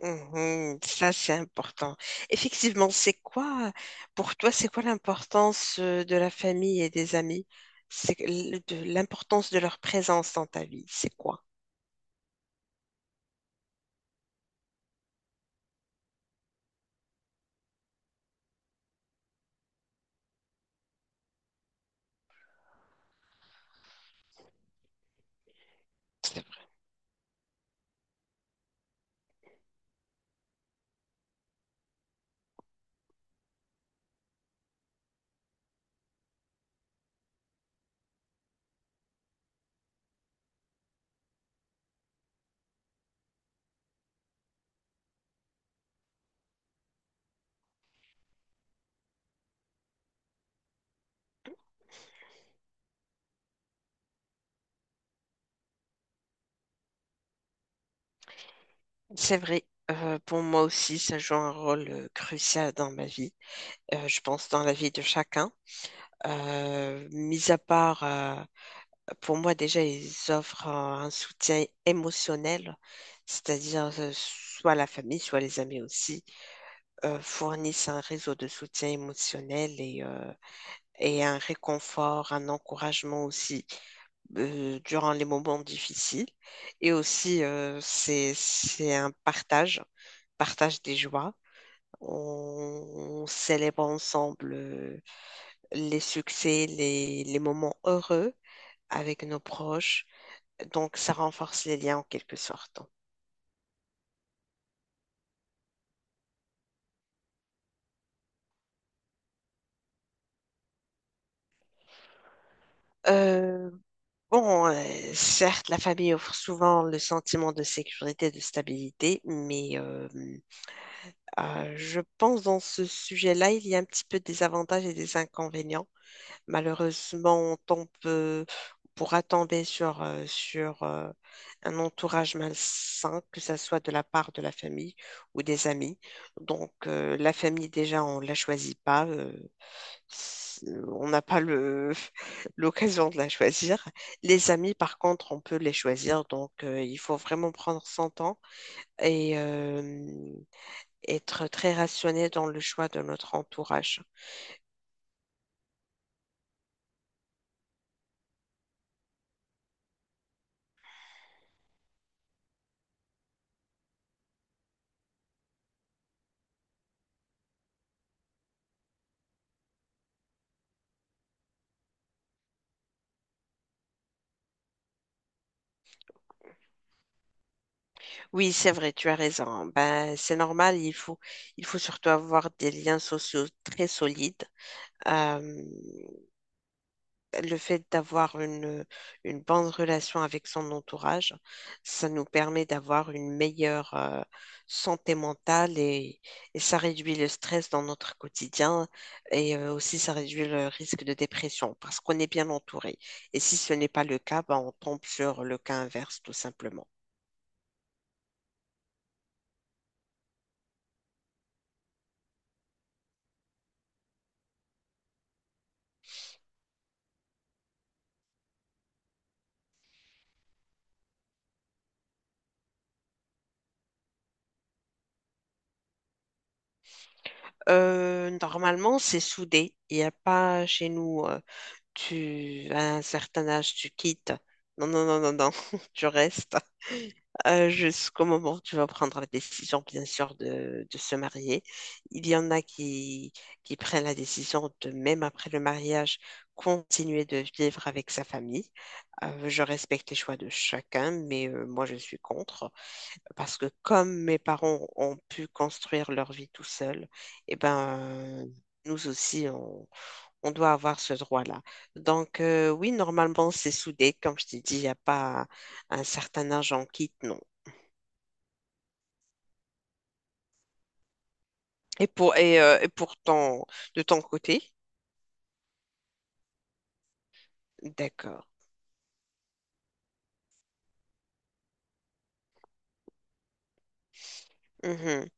Mhm, ça, c'est important. Effectivement, c'est quoi, pour toi, c'est quoi l'importance de la famille et des amis? De l'importance de leur présence dans ta vie. C'est quoi? C'est vrai. C'est vrai. Pour moi aussi, ça joue un rôle crucial dans ma vie. Je pense dans la vie de chacun. Mis à part, pour moi déjà, ils offrent un soutien émotionnel, c'est-à-dire soit la famille, soit les amis aussi fournissent un réseau de soutien émotionnel et et un réconfort, un encouragement aussi durant les moments difficiles. Et aussi, c'est un partage, partage des joies. On célèbre ensemble les succès, les moments heureux avec nos proches. Donc, ça renforce les liens en quelque sorte. Euh, Certes, la famille offre souvent le sentiment de sécurité, de stabilité, mais je pense dans ce sujet-là, il y a un petit peu des avantages et des inconvénients. Malheureusement, on pourra tomber sur un entourage malsain, que ce soit de la part de la famille ou des amis. Donc, la famille, déjà, on ne la choisit pas. On n'a pas l'occasion de la choisir. Les amis, par contre, on peut les choisir, donc il faut vraiment prendre son temps et être très rationné dans le choix de notre entourage. Oui, c'est vrai, tu as raison, hein. Ben, c'est normal, il faut surtout avoir des liens sociaux très solides. Euh, le fait d'avoir une bonne relation avec son entourage, ça nous permet d'avoir une meilleure santé mentale et ça réduit le stress dans notre quotidien et aussi ça réduit le risque de dépression parce qu'on est bien entouré. Et si ce n'est pas le cas, ben on tombe sur le cas inverse tout simplement. Normalement, c'est soudé. Il n'y a pas chez nous, à un certain âge, tu quittes. Non, non, non, non, non, tu restes. Jusqu'au moment où tu vas prendre la décision, bien sûr, de se marier. Il y en a qui prennent la décision de, même après le mariage, continuer de vivre avec sa famille. Je respecte les choix de chacun, mais moi, je suis contre. Parce que comme mes parents ont pu construire leur vie tout seuls, eh ben... Nous aussi, on doit avoir ce droit-là. Donc, oui, normalement, c'est soudé. Comme je t'ai dit, il n'y a pas un certain âge en quitte, non. Et pour ton De ton côté. D'accord. Mhm,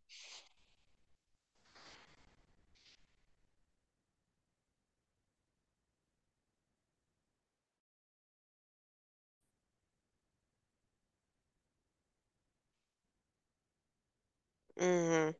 mhm.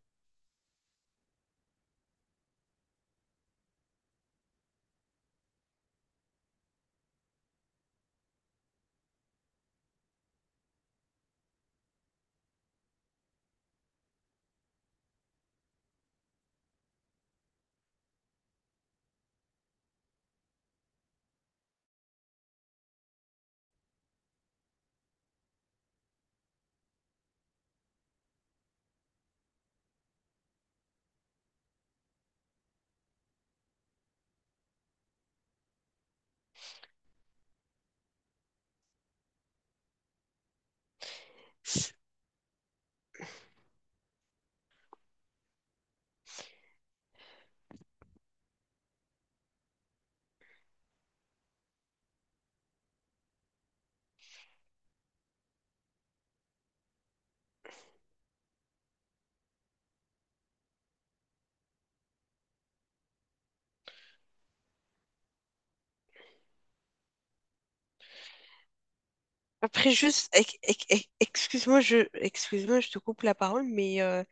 Après juste excuse-moi, je te coupe la parole, mais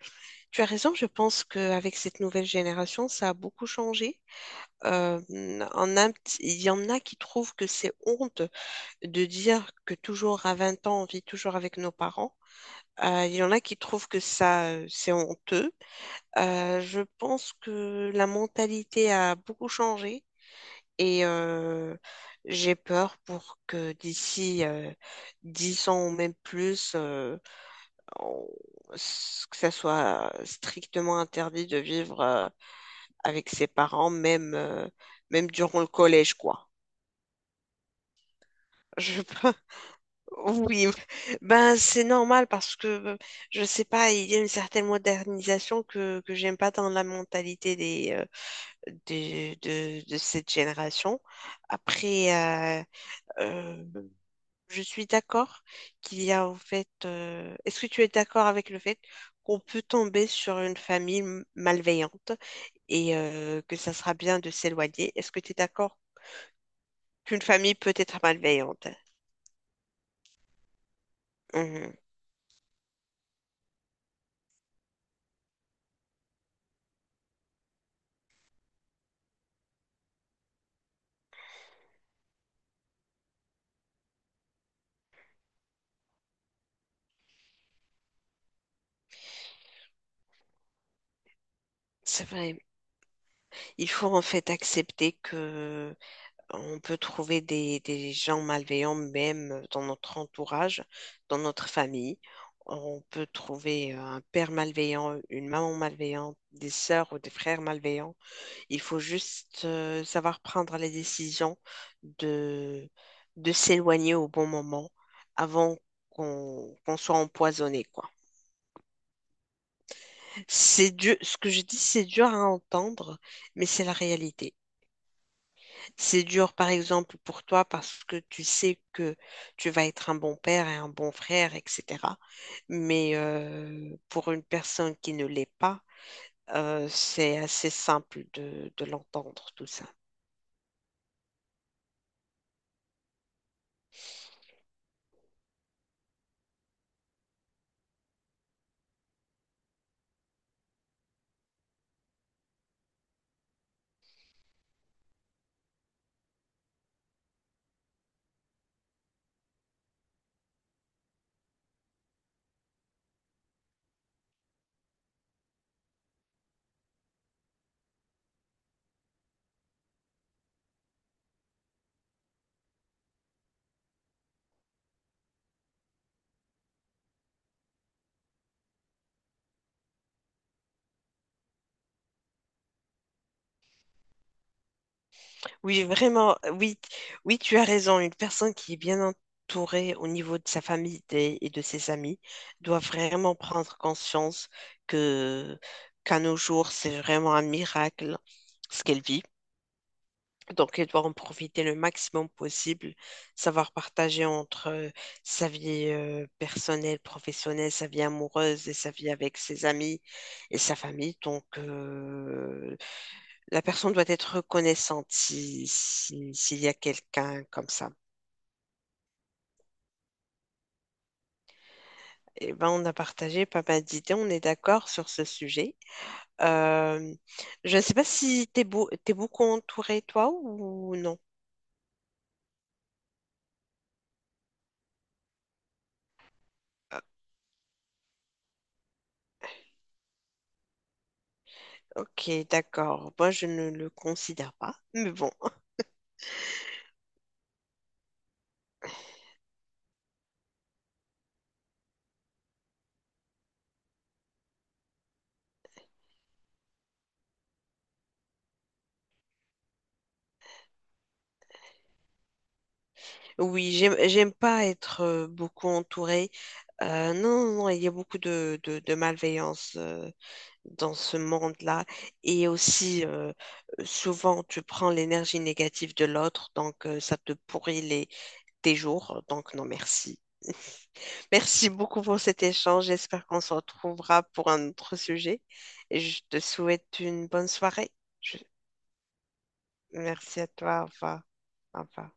tu as raison, je pense qu'avec cette nouvelle génération ça a beaucoup changé. Euh, on a un petit- Il y en a qui trouvent que c'est honte de dire que toujours à 20 ans on vit toujours avec nos parents. Il y en a qui trouvent que ça c'est honteux. Je pense que la mentalité a beaucoup changé. Et j'ai peur pour que d'ici 10 ans ou même plus, on- que ça soit strictement interdit de vivre avec ses parents, même, même durant le collège, quoi. Je... Oui, ben c'est normal parce que je sais pas, il y a une certaine modernisation que j'aime pas dans la mentalité de cette génération. Après, euh, je suis d'accord qu'il y a en fait. Est-ce que tu es d'accord avec le fait qu'on peut tomber sur une famille malveillante et que ça sera bien de s'éloigner? Est-ce que tu es d'accord qu'une famille peut être malveillante? Mhm. C'est vrai. Il faut en fait accepter que on peut trouver des gens malveillants même dans notre entourage, dans notre famille. On peut trouver un père malveillant, une maman malveillante, des sœurs ou des frères malveillants. Il faut juste savoir prendre les décisions de, de s'éloigner au bon moment avant qu'on soit empoisonné, quoi. C'est dur, ce que je dis, c'est dur à entendre, mais c'est la réalité. C'est dur, par exemple, pour toi parce que tu sais que tu vas être un bon père et un bon frère, etc. Mais pour une personne qui ne l'est pas, c'est assez simple de l'entendre, tout ça. Oui, vraiment, oui, oui, tu as raison. Une personne qui est bien entourée au niveau de sa famille et de ses amis doit vraiment prendre conscience que qu'à nos jours, c'est vraiment un miracle ce qu'elle vit. Donc, elle doit en profiter le maximum possible, savoir partager entre sa vie personnelle, professionnelle, sa vie amoureuse et sa vie avec ses amis et sa famille. Donc, la personne doit être reconnaissante s'il y a quelqu'un comme ça. Eh ben, on a partagé pas mal d'idées, on est d'accord sur ce sujet. Euh, je ne sais pas si t'es beaucoup entouré, toi, ou non. Euh, Ok, d'accord. Moi, je ne le considère pas. Mais bon, oui, j'aime pas être beaucoup entourée. Non, non, non, il y a beaucoup de malveillance, dans ce monde-là. Et aussi, souvent, tu prends l'énergie négative de l'autre, donc ça te pourrit tes jours. Donc, non, merci. Merci beaucoup pour cet échange. J'espère qu'on se retrouvera pour un autre sujet. Et je te souhaite une bonne soirée. Je- Merci à toi. Au revoir. Au revoir.